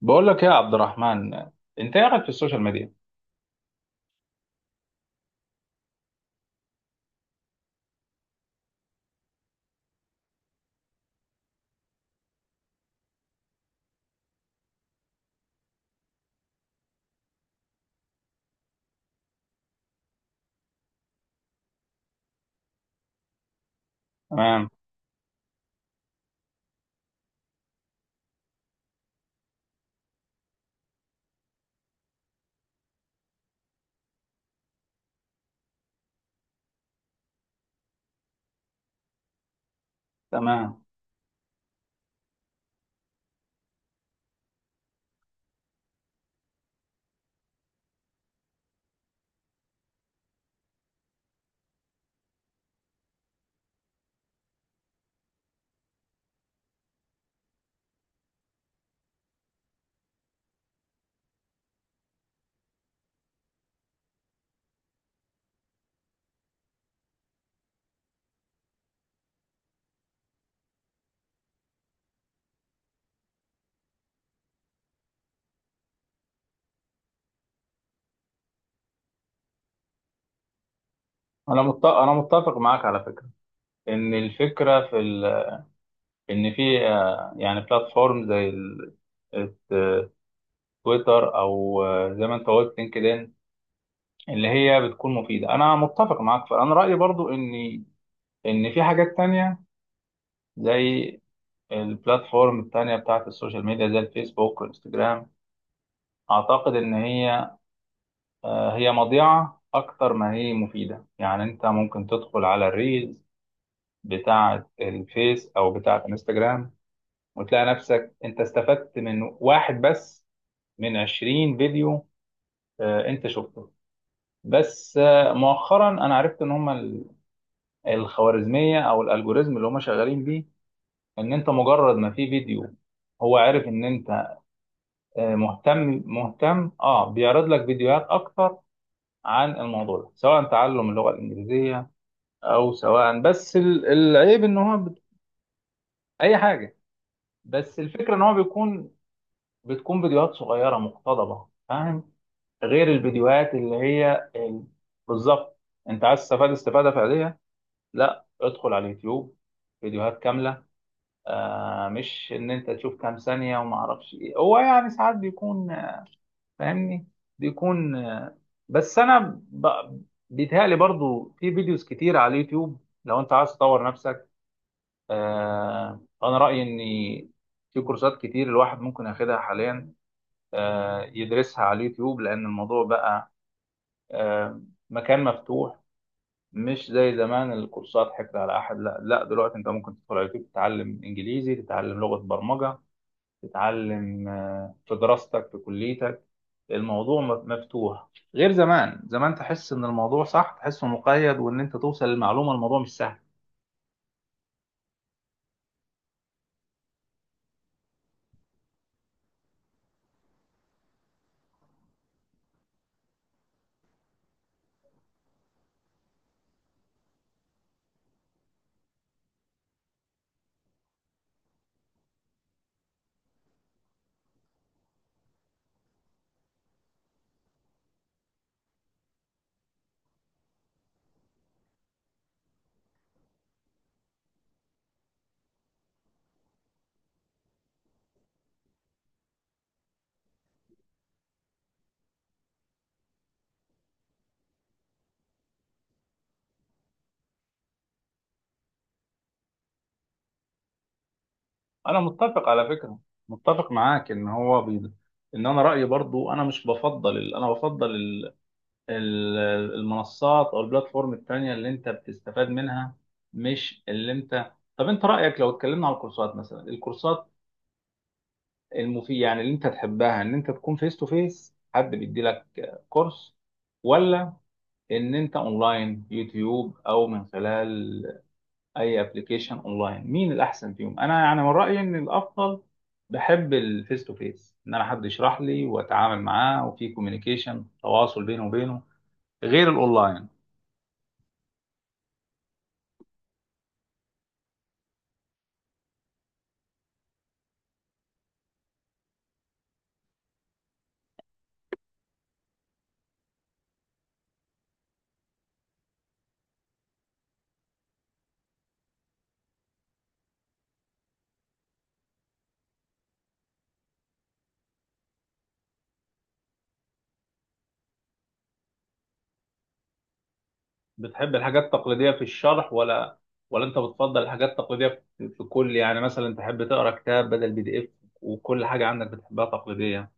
بقول لك ايه يا عبد الرحمن. انت ايه رايك في السوشيال ميديا؟ تمام. تمام. انا متفق معاك على فكره، ان الفكره في ال... ان في يعني بلاتفورم زي الت- تويتر او زي ما انت قلت لينكدين، اللي هي بتكون مفيده. انا متفق معاك، فانا رايي برضو ان في حاجات تانية زي البلاتفورم التانية بتاعت السوشيال ميديا زي الفيسبوك والانستجرام. اعتقد ان هي، هي مضيعة أكتر ما هي مفيدة. يعني أنت ممكن تدخل على الريلز بتاعة الفيس أو بتاعة انستجرام وتلاقي نفسك أنت استفدت من واحد بس من 20 فيديو أنت شفته. بس مؤخرا أنا عرفت إن هما الخوارزمية أو الألجوريزم اللي هما شغالين بيه، إن أنت مجرد ما في فيديو هو عارف إن أنت مهتم، بيعرض لك فيديوهات أكتر عن الموضوع ده، سواء تعلم اللغة الإنجليزية او سواء بس العيب ان هو اي حاجه. بس الفكره ان هو بتكون فيديوهات صغيره مقتضبه، فاهم؟ غير الفيديوهات اللي هي بالظبط. انت عايز تستفاد استفاده فعليه، لا ادخل على اليوتيوب فيديوهات كامله. آه، مش ان انت تشوف كام ثانيه وما اعرفش ايه. هو يعني ساعات بيكون، فاهمني، بيكون بس انا ب... بيتهيألي برضو في فيديوز كتير على اليوتيوب لو انت عايز تطور نفسك. أنا رأيي إن في كورسات كتير الواحد ممكن ياخدها حاليا، يدرسها على اليوتيوب، لأن الموضوع بقى آه، مكان مفتوح، مش زي زمان الكورسات حكر على أحد. لا لا، دلوقتي أنت ممكن تدخل على اليوتيوب تتعلم إنجليزي، تتعلم لغة برمجة، تتعلم في دراستك في كليتك. الموضوع مفتوح، غير زمان. زمان تحس إن الموضوع صح، تحسه مقيد، وإن أنت توصل للمعلومة الموضوع مش سهل. انا متفق على فكره، متفق معاك ان انا رايي برضو انا مش بفضل انا بفضل ال... المنصات او البلاتفورم التانية اللي انت بتستفاد منها، مش اللي انت. طب انت رايك لو اتكلمنا على الكورسات، مثلا الكورسات المفيد، يعني اللي انت تحبها، ان انت تكون فيس تو فيس حد بيدي لك كورس، ولا ان انت اونلاين يوتيوب او من خلال اي ابلكيشن اونلاين؟ مين الاحسن فيهم؟ انا يعني من رايي ان الافضل، بحب الفيس تو فيس ان انا حد يشرح لي واتعامل معاه، وفي كوميونيكيشن تواصل بينه وبينه، غير الاونلاين. بتحب الحاجات التقليديه في الشرح، ولا ولا انت بتفضل الحاجات التقليديه في في كل، يعني مثلا تحب تقرا كتاب بدل بي دي اف، وكل حاجه عندك بتحبها تقليديه؟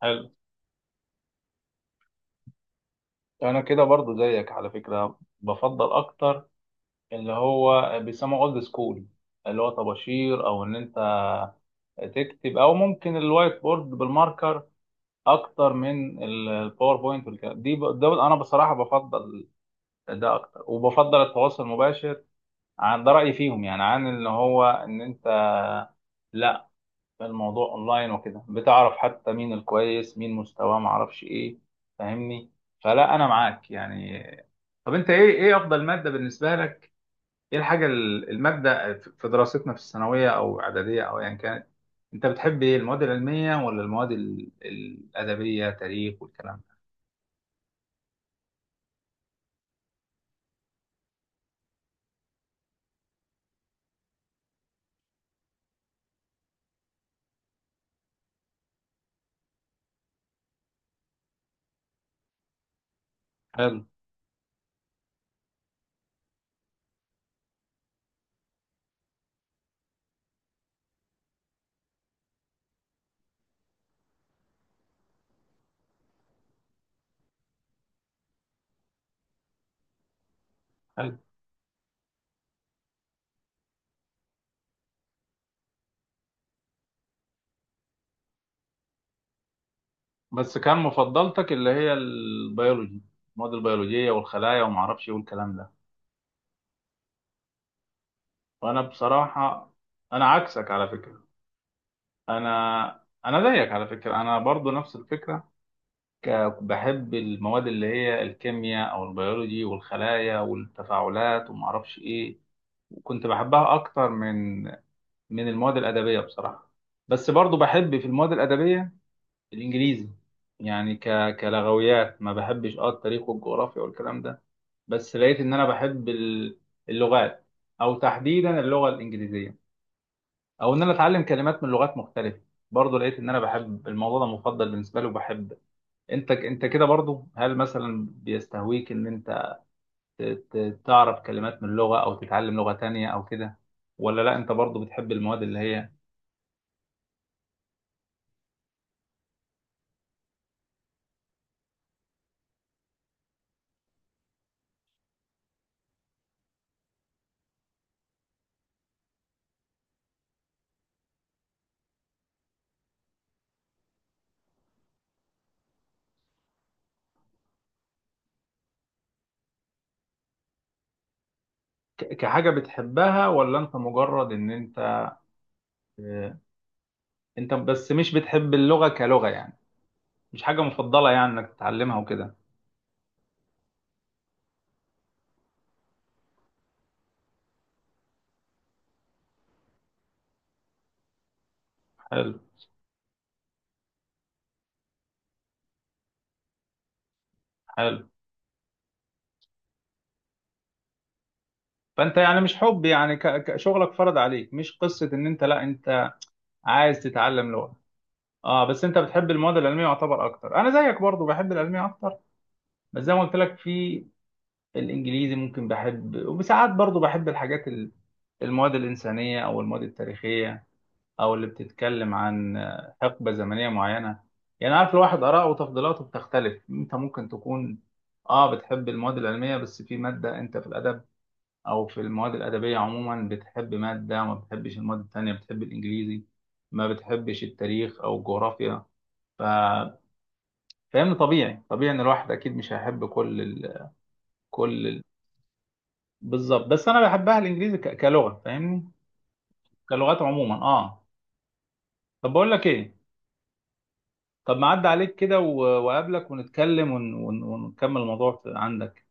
حلو. انا كده برضو زيك على فكره، بفضل اكتر اللي هو بيسموه اولد سكول، اللي هو طباشير، او ان انت تكتب، او ممكن الوايت بورد بالماركر، اكتر من الباوربوينت والكلام دي. ده انا بصراحه بفضل ده اكتر، وبفضل التواصل المباشر عن ده، رايي فيهم، يعني عن اللي هو ان انت، لا، الموضوع اونلاين وكده بتعرف حتى مين الكويس مين مستواه ما اعرفش ايه، فاهمني؟ فلا انا معاك يعني. طب انت ايه، ايه افضل ماده بالنسبه لك؟ ايه الحاجة المادة في دراستنا في الثانوية او اعدادية او ايا كانت، انت بتحب ايه، المواد العلمية ولا المواد الادبية، تاريخ والكلام ده؟ حلو. حلو. بس كان مفضلتك اللي هي البيولوجي، المواد البيولوجية والخلايا وما اعرفش ايه والكلام ده؟ وانا بصراحة، انا عكسك على فكرة. انا زيك على فكرة، انا برضو نفس الفكرة. ك- بحب المواد اللي هي الكيمياء او البيولوجي والخلايا والتفاعلات وما اعرفش ايه، كنت بحبها اكتر من المواد الادبيه بصراحه. بس برضو بحب في المواد الادبيه الانجليزي، يعني كلغويات. ما بحبش اه التاريخ والجغرافيا والكلام ده. بس لقيت ان انا بحب اللغات، او تحديدا اللغه الانجليزيه، او ان انا اتعلم كلمات من لغات مختلفه. برضو لقيت ان انا بحب الموضوع ده، مفضل بالنسبه لي، وبحب. انت كده برضو، هل مثلا بيستهويك ان انت تعرف كلمات من لغة، أو تتعلم لغة تانية أو كده، ولا لا، أنت برضو بتحب المواد اللي هي كحاجة بتحبها، ولا أنت مجرد إن أنت آه، أنت بس مش بتحب اللغة كلغة يعني، مش حاجة مفضلة يعني إنك تتعلمها وكده؟ حلو. حلو. فأنت يعني مش حب، يعني شغلك فرض عليك، مش قصة إن أنت، لا أنت عايز تتعلم لغة. اه، بس انت بتحب المواد العلميه يعتبر اكتر. انا زيك برضو، بحب العلميه اكتر. بس زي ما قلت لك في الانجليزي ممكن بحب، وساعات برضو بحب الحاجات، المواد الإنسانية أو المواد التاريخية، أو اللي بتتكلم عن حقبة زمنية معينة. يعني عارف، الواحد آراءه وتفضيلاته بتختلف. أنت ممكن تكون آه بتحب المواد العلمية، بس في مادة أنت في الأدب أو في المواد الأدبية عموما بتحب مادة، ما بتحبش المواد التانية. بتحب الإنجليزي، ما بتحبش التاريخ أو الجغرافيا. ف... فاهمني؟ طبيعي، طبيعي إن الواحد أكيد مش هيحب كل كل ال... بالظبط. بس أنا بحبها الإنجليزي كلغة، فاهمني؟ كلغات عموما آه. طب بقول لك إيه، طب ما عدى عليك كده وأقابلك ونتكلم ونكمل الموضوع عندك.